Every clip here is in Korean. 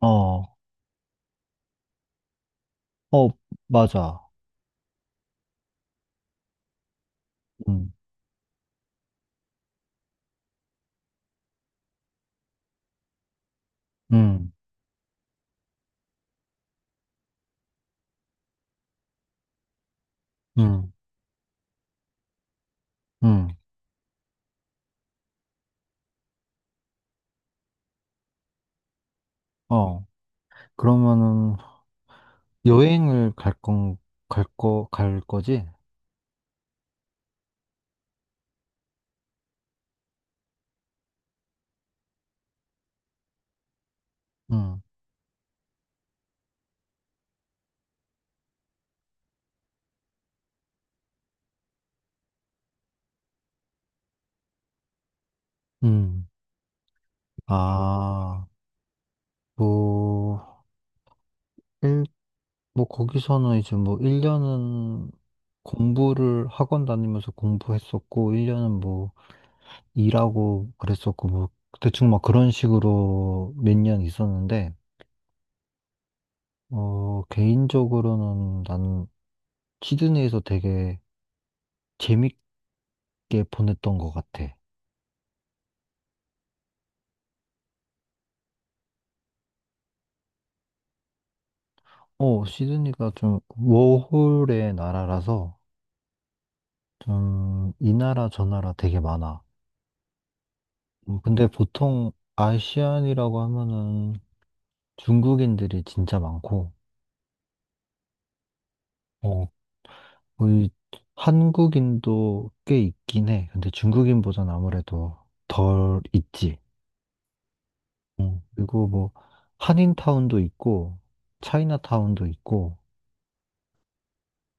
어, 어, 맞아. 음, 음, 음, 음, 어. 그러면은 여행을 갈 건, 갈 거, 갈 거지? 음, 음. 아, 뭐, 일, 뭐, 거기서는 이제 뭐, 1년은 공부를 학원 다니면서 공부했었고, 1년은 뭐, 일하고 그랬었고, 뭐, 대충 막 그런 식으로 몇 년 있었는데, 어, 개인적으로는 난 시드니에서 되게 재밌 게 보냈던 것 같아. 어, 시드니가 좀 워홀의 나라라서 좀 이 나라 저 나라 되게 많아. 근데 보통 아시안이라고 하면은 중국인들이 진짜 많고, 어, 거의 한국인도 꽤 있긴 해. 근데 중국인보단 아무래도 덜 있지. 그리고 뭐 한인타운도 있고, 차이나타운도 있고,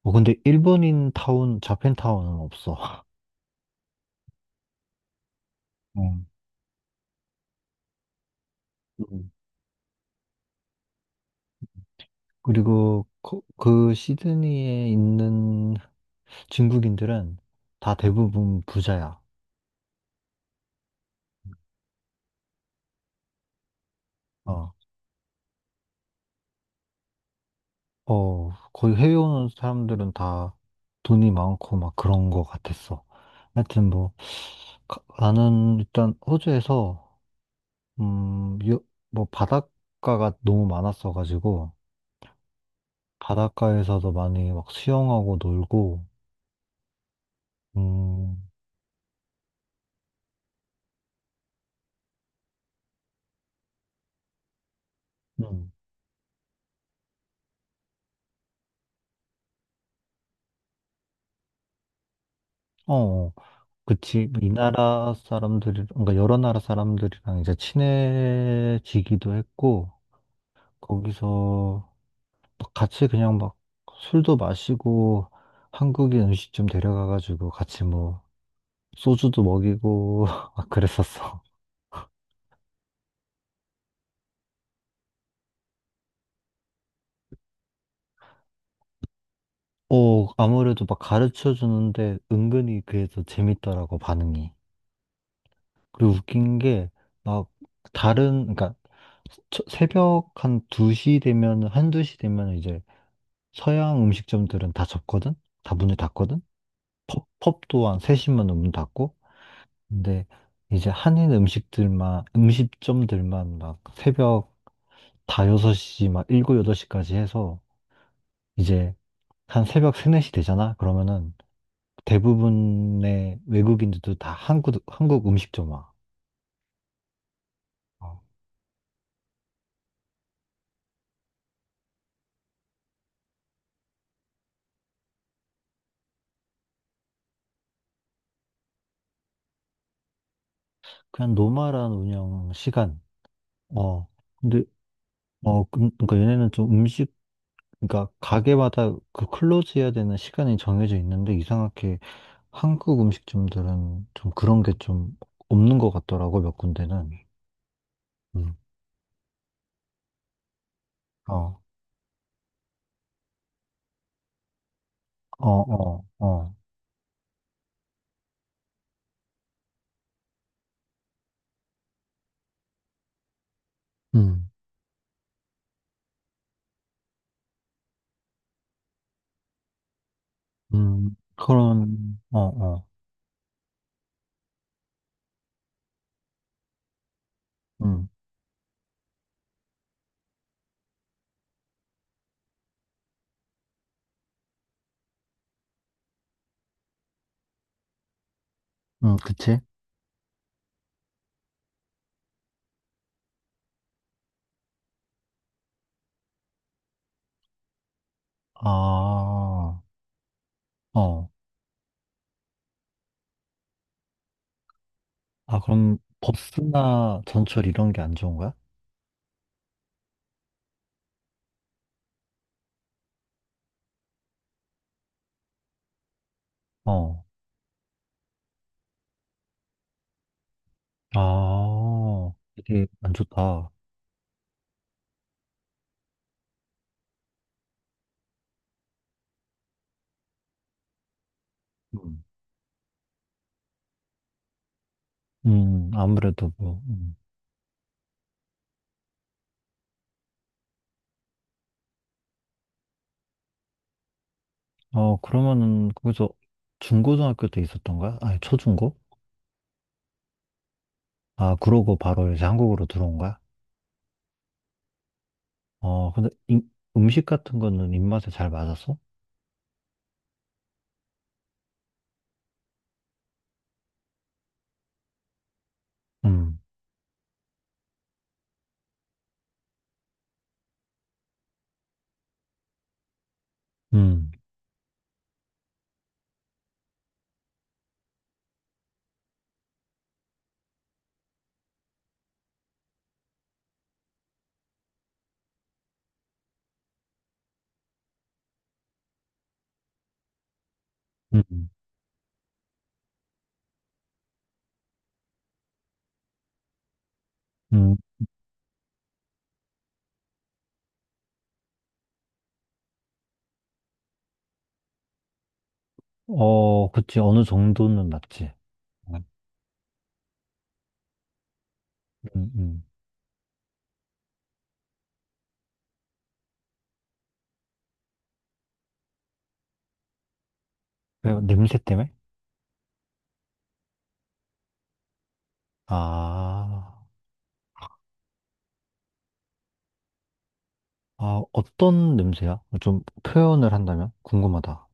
어, 근데 일본인 타운, 자펜타운은 없어. 음. 그리고 그 시드니에 있는 중국인들은 다 대부분 부자야. 어, 어, 거의 해외 오는 사람들은 다 돈이 많고 막 그런 거 같았어. 하여튼 뭐 나는 일단 호주에서 음, 요- 뭐 바닷가가 너무 많았어가지고 바닷가에서도 많이 막 수영하고 놀고 음, 음, 어, 어. 그치. 이 나라 사람들이, 그러니까 여러 나라 사람들이랑 이제 친해지기도 했고, 거기서 막 같이 그냥 막 술도 마시고, 한국인 음식점 데려가가지고 같이 뭐, 소주도 먹이고, 막 그랬었어. 어, 아무래도 막 가르쳐 주는데 은근히 그게 더 재밌더라고, 반응이. 그리고 웃긴 게, 막, 다른, 그러니까, 새벽 한 2시 되면 이제 서양 음식점들은 다 접거든? 다 문을 닫거든? 펍 또한 3시만 문 닫고. 근데 이제 한인 음식들만, 음식점들만 막 새벽 다 6시, 막 7, 8시까지 해서 이제 한 새벽 3, 4시 되잖아? 그러면은 대부분의 외국인들도 다 한국 음식점 와. 어, 그냥 노멀한 운영 시간. 어, 근데, 그러니까 얘네는 좀 음식 그러니까 가게마다 그 클로즈 해야 되는 시간이 정해져 있는데 이상하게 한국 음식점들은 좀 그런 게 좀 없는 것 같더라고, 몇 군데는. 음. 어, 어, 어, 어. 음, 그런, 어, 어. 음, 그치? 아, 어. 아, 그럼 법스나 전철 이런 게 안 좋은 거야? 어. 아, 되게 안 좋다. 음, 아무래도 뭐. 음. 어, 그러면은 거기서 중고등학교 때 있었던 거야? 아니, 초중고? 아, 그러고 바로 이제 한국으로 들어온 거야? 어, 근데 음식 같은 거는 입맛에 잘 맞았어? 음, 음, 음, 음. 어, 그치. 어느 정도는 맞지. 음, 음. 왜, 냄새 때문에? 아, 아, 어떤 냄새야? 좀 표현을 한다면? 궁금하다.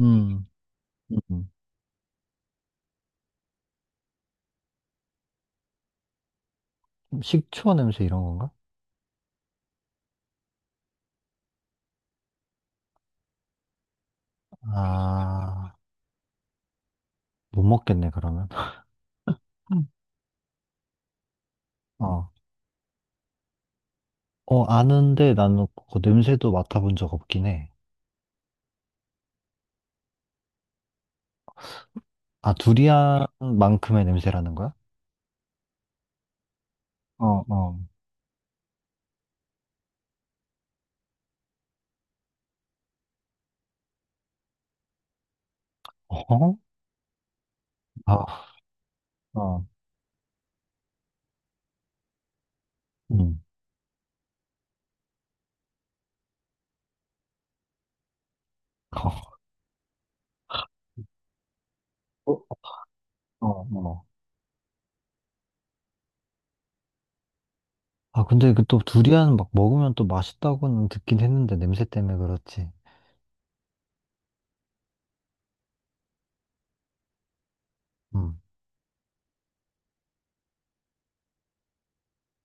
음, 음. 식초 냄새 이런 건가? 아, 못 먹겠네, 그러면. 음. 어, 어, 아는데 나는 그 냄새도 맡아본 적 없긴 해. 아, 두리안만큼의 냄새라는 거야? 어, 어. 어? 아, 어, 음. 어. 어, 어, 어. 아, 근데 그 또 두리안 막 먹으면 또 맛있다고는 듣긴 했는데 냄새 때문에 그렇지. 음.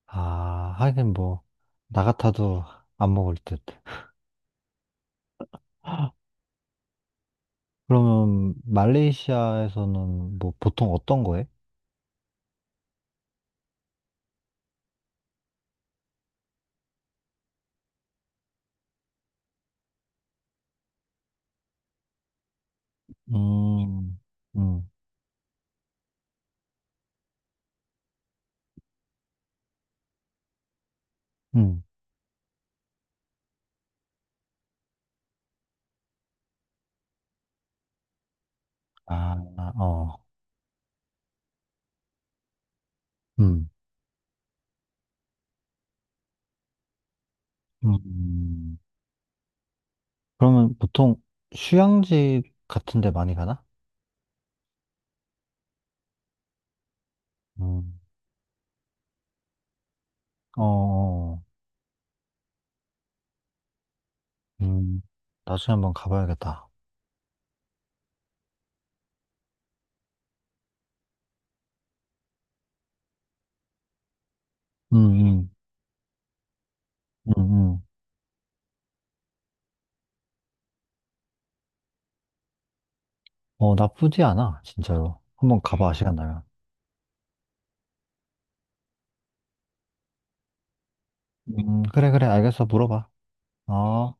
아, 하긴 뭐, 나 같아도 안 먹을 듯. 그러면 말레이시아에서는 뭐 보통 어떤 거 해? 음, 음, 음. 아, 어, 음, 음. 그러면 보통 휴양지 같은 데 많이 가나? 음, 어, 음. 나중에 한번 가봐야겠다. 음, 음, 음, 음. 어, 나쁘지 않아, 진짜로. 한번 가봐, 시간 나면. 그래, 그래, 알겠어, 물어봐. 어.